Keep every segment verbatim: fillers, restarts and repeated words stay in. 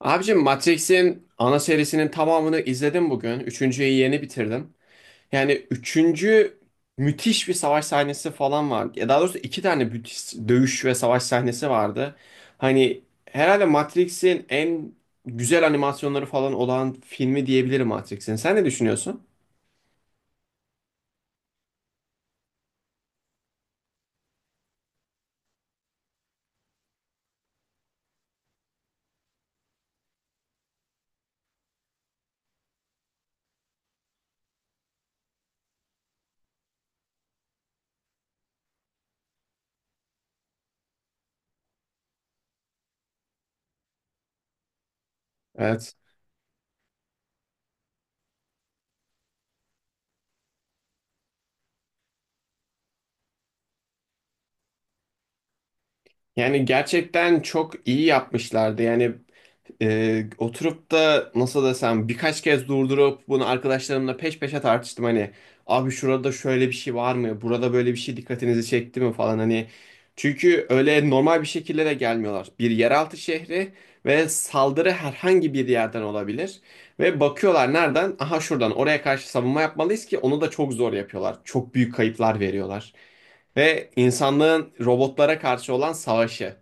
Abicim Matrix'in ana serisinin tamamını izledim bugün. Üçüncüyü yeni bitirdim. Yani üçüncü müthiş bir savaş sahnesi falan var. Ya daha doğrusu iki tane müthiş dövüş ve savaş sahnesi vardı. Hani herhalde Matrix'in en güzel animasyonları falan olan filmi diyebilirim Matrix'in. Sen ne düşünüyorsun? Evet. Yani gerçekten çok iyi yapmışlardı. Yani e, oturup da nasıl desem birkaç kez durdurup bunu arkadaşlarımla peş peşe tartıştım. Hani abi şurada şöyle bir şey var mı? Burada böyle bir şey dikkatinizi çekti mi falan hani. Çünkü öyle normal bir şekilde de gelmiyorlar. Bir yeraltı şehri ve saldırı herhangi bir yerden olabilir. Ve bakıyorlar nereden? Aha şuradan oraya karşı savunma yapmalıyız ki onu da çok zor yapıyorlar. Çok büyük kayıplar veriyorlar. Ve insanlığın robotlara karşı olan savaşı.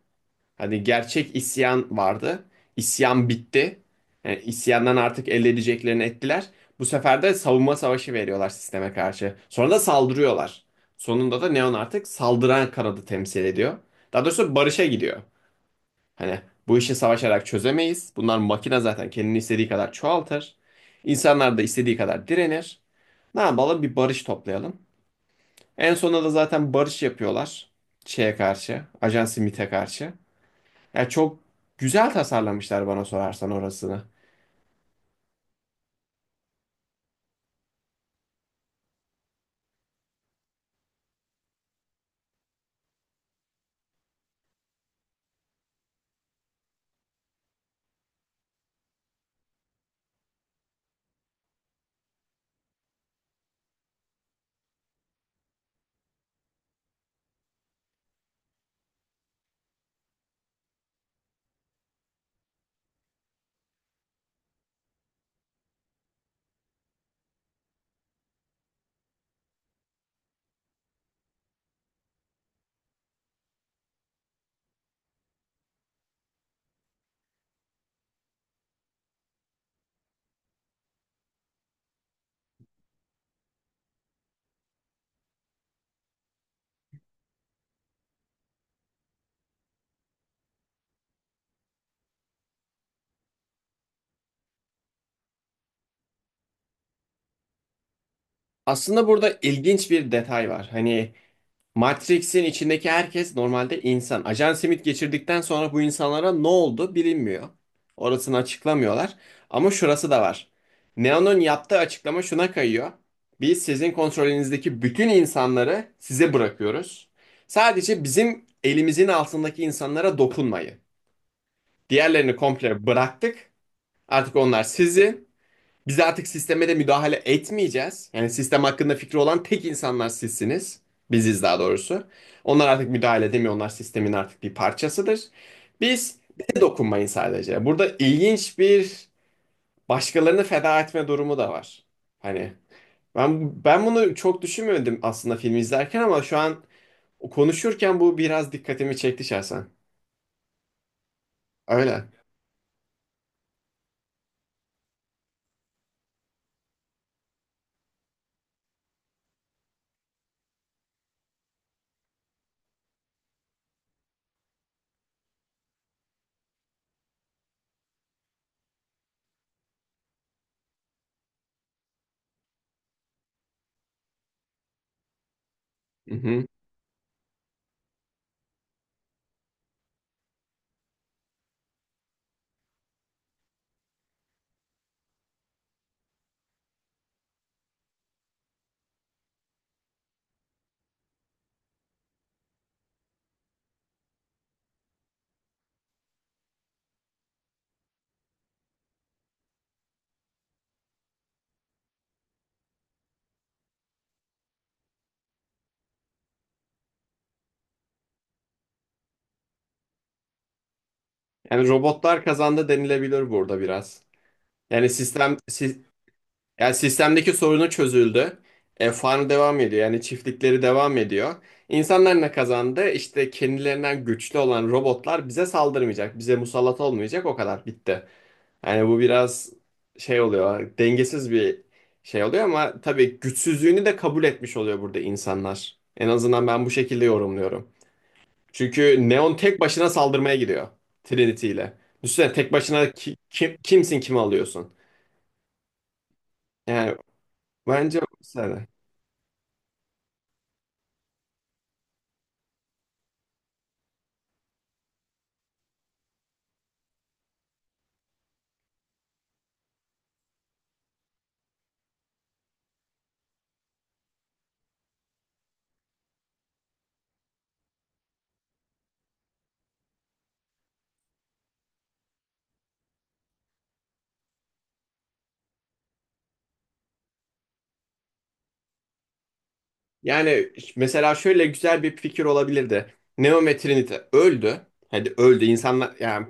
Hani gerçek isyan vardı. İsyan bitti. Yani isyandan artık elde edeceklerini ettiler. Bu sefer de savunma savaşı veriyorlar sisteme karşı. Sonra da saldırıyorlar. Sonunda da Neon artık saldıran kanadı temsil ediyor. Daha doğrusu barışa gidiyor. Hani bu işi savaşarak çözemeyiz. Bunlar makine zaten kendini istediği kadar çoğaltır. İnsanlar da istediği kadar direnir. Ne yapalım bir barış toplayalım. En sonunda da zaten barış yapıyorlar. Şeye karşı. Ajan Smith'e karşı. Yani çok güzel tasarlamışlar bana sorarsan orasını. Aslında burada ilginç bir detay var. Hani Matrix'in içindeki herkes normalde insan. Ajan Smith geçirdikten sonra bu insanlara ne oldu bilinmiyor. Orasını açıklamıyorlar. Ama şurası da var. Neo'nun yaptığı açıklama şuna kayıyor. Biz sizin kontrolünüzdeki bütün insanları size bırakıyoruz. Sadece bizim elimizin altındaki insanlara dokunmayı. Diğerlerini komple bıraktık. Artık onlar sizin. Biz artık sisteme de müdahale etmeyeceğiz. Yani sistem hakkında fikri olan tek insanlar sizsiniz. Biziz daha doğrusu. Onlar artık müdahale edemiyor. Onlar sistemin artık bir parçasıdır. Biz bize dokunmayın sadece. Burada ilginç bir başkalarını feda etme durumu da var. Hani ben ben bunu çok düşünmedim aslında filmi izlerken ama şu an konuşurken bu biraz dikkatimi çekti şahsen. Öyle. Hı hı. Yani robotlar kazandı denilebilir burada biraz. Yani sistem si- yani sistemdeki sorunu çözüldü. E, farm devam ediyor. Yani çiftlikleri devam ediyor. İnsanlar ne kazandı? İşte kendilerinden güçlü olan robotlar bize saldırmayacak. Bize musallat olmayacak. O kadar bitti. Yani bu biraz şey oluyor. Dengesiz bir şey oluyor ama tabii güçsüzlüğünü de kabul etmiş oluyor burada insanlar. En azından ben bu şekilde yorumluyorum. Çünkü Neon tek başına saldırmaya gidiyor Trinity ile. Düşünsene tek başına ki- kim, kimsin kimi alıyorsun. Yani bence mesela. Yani mesela şöyle güzel bir fikir olabilirdi. Neo ve Trinity öldü. Hadi öldü insanlar yani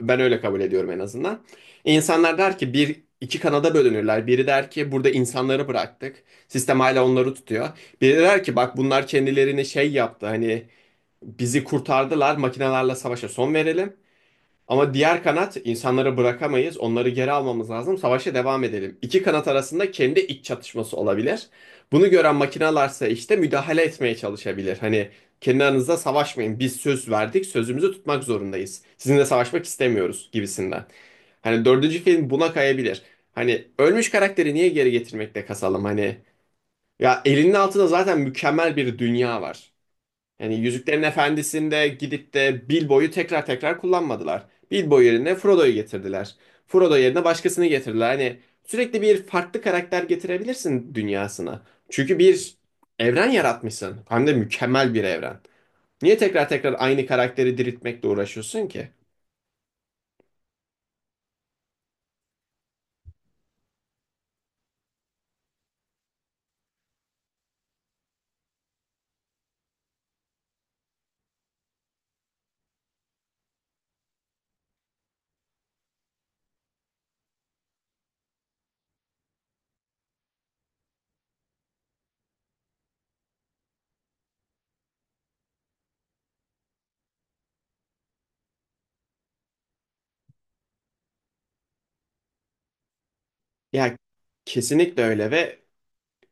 ben öyle kabul ediyorum en azından. İnsanlar der ki bir iki kanada bölünürler. Biri der ki burada insanları bıraktık. Sistem hala onları tutuyor. Biri der ki bak bunlar kendilerini şey yaptı hani bizi kurtardılar makinelerle savaşa son verelim. Ama diğer kanat insanları bırakamayız. Onları geri almamız lazım. Savaşa devam edelim. İki kanat arasında kendi iç çatışması olabilir. Bunu gören makinalarsa işte müdahale etmeye çalışabilir. Hani kendi aranızda savaşmayın. Biz söz verdik, sözümüzü tutmak zorundayız. Sizinle savaşmak istemiyoruz gibisinden. Hani dördüncü film buna kayabilir. Hani ölmüş karakteri niye geri getirmekte kasalım? Hani ya elinin altında zaten mükemmel bir dünya var. Yani Yüzüklerin Efendisi'nde gidip de Bilbo'yu tekrar tekrar kullanmadılar. Bilbo yerine Frodo'yu getirdiler. Frodo yerine başkasını getirdiler. Hani sürekli bir farklı karakter getirebilirsin dünyasına. Çünkü bir evren yaratmışsın. Hem de mükemmel bir evren. Niye tekrar tekrar aynı karakteri diriltmekle uğraşıyorsun ki? Ya kesinlikle öyle ve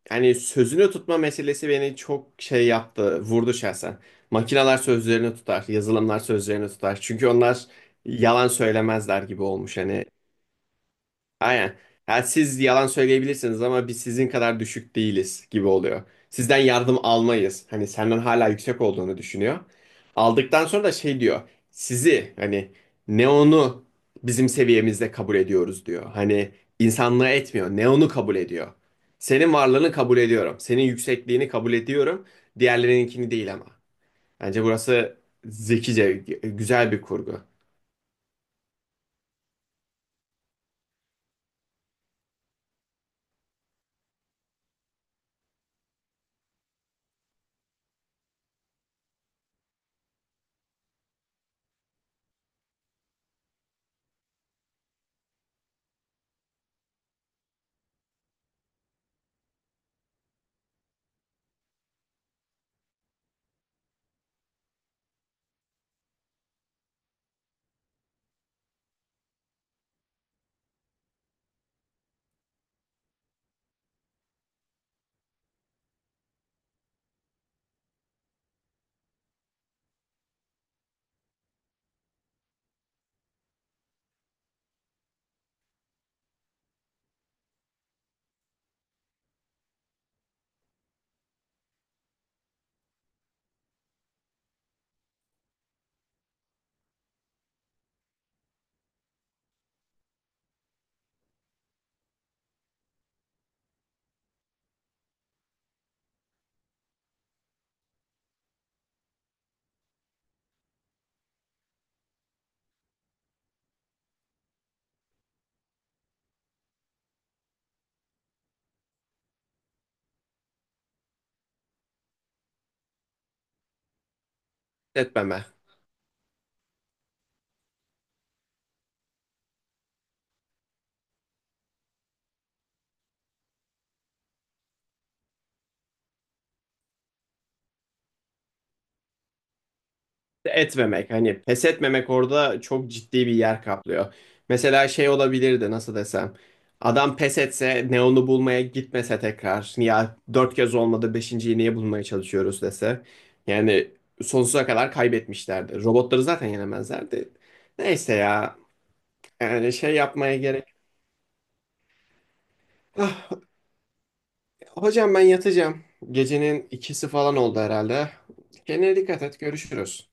hani sözünü tutma meselesi beni çok şey yaptı, vurdu şahsen. Makineler sözlerini tutar, yazılımlar sözlerini tutar. Çünkü onlar yalan söylemezler gibi olmuş hani. Aynen. Ha, siz yalan söyleyebilirsiniz ama biz sizin kadar düşük değiliz gibi oluyor. Sizden yardım almayız. Hani senden hala yüksek olduğunu düşünüyor. Aldıktan sonra da şey diyor. Sizi hani Neon'u bizim seviyemizde kabul ediyoruz diyor. Hani insanlığı etmiyor. Neon'u kabul ediyor. Senin varlığını kabul ediyorum. Senin yüksekliğini kabul ediyorum. Diğerlerininkini değil ama. Bence burası zekice, güzel bir kurgu. Etmeme. Etmemek hani pes etmemek orada çok ciddi bir yer kaplıyor. Mesela şey olabilirdi nasıl desem. Adam pes etse Neon'u bulmaya gitmese tekrar ya dört kez olmadı beşinciyi niye bulmaya çalışıyoruz dese. Yani sonsuza kadar kaybetmişlerdi. Robotları zaten yenemezlerdi. Neyse ya yani şey yapmaya gerek. Ah, hocam ben yatacağım. Gecenin ikisi falan oldu herhalde. Kendine dikkat et görüşürüz.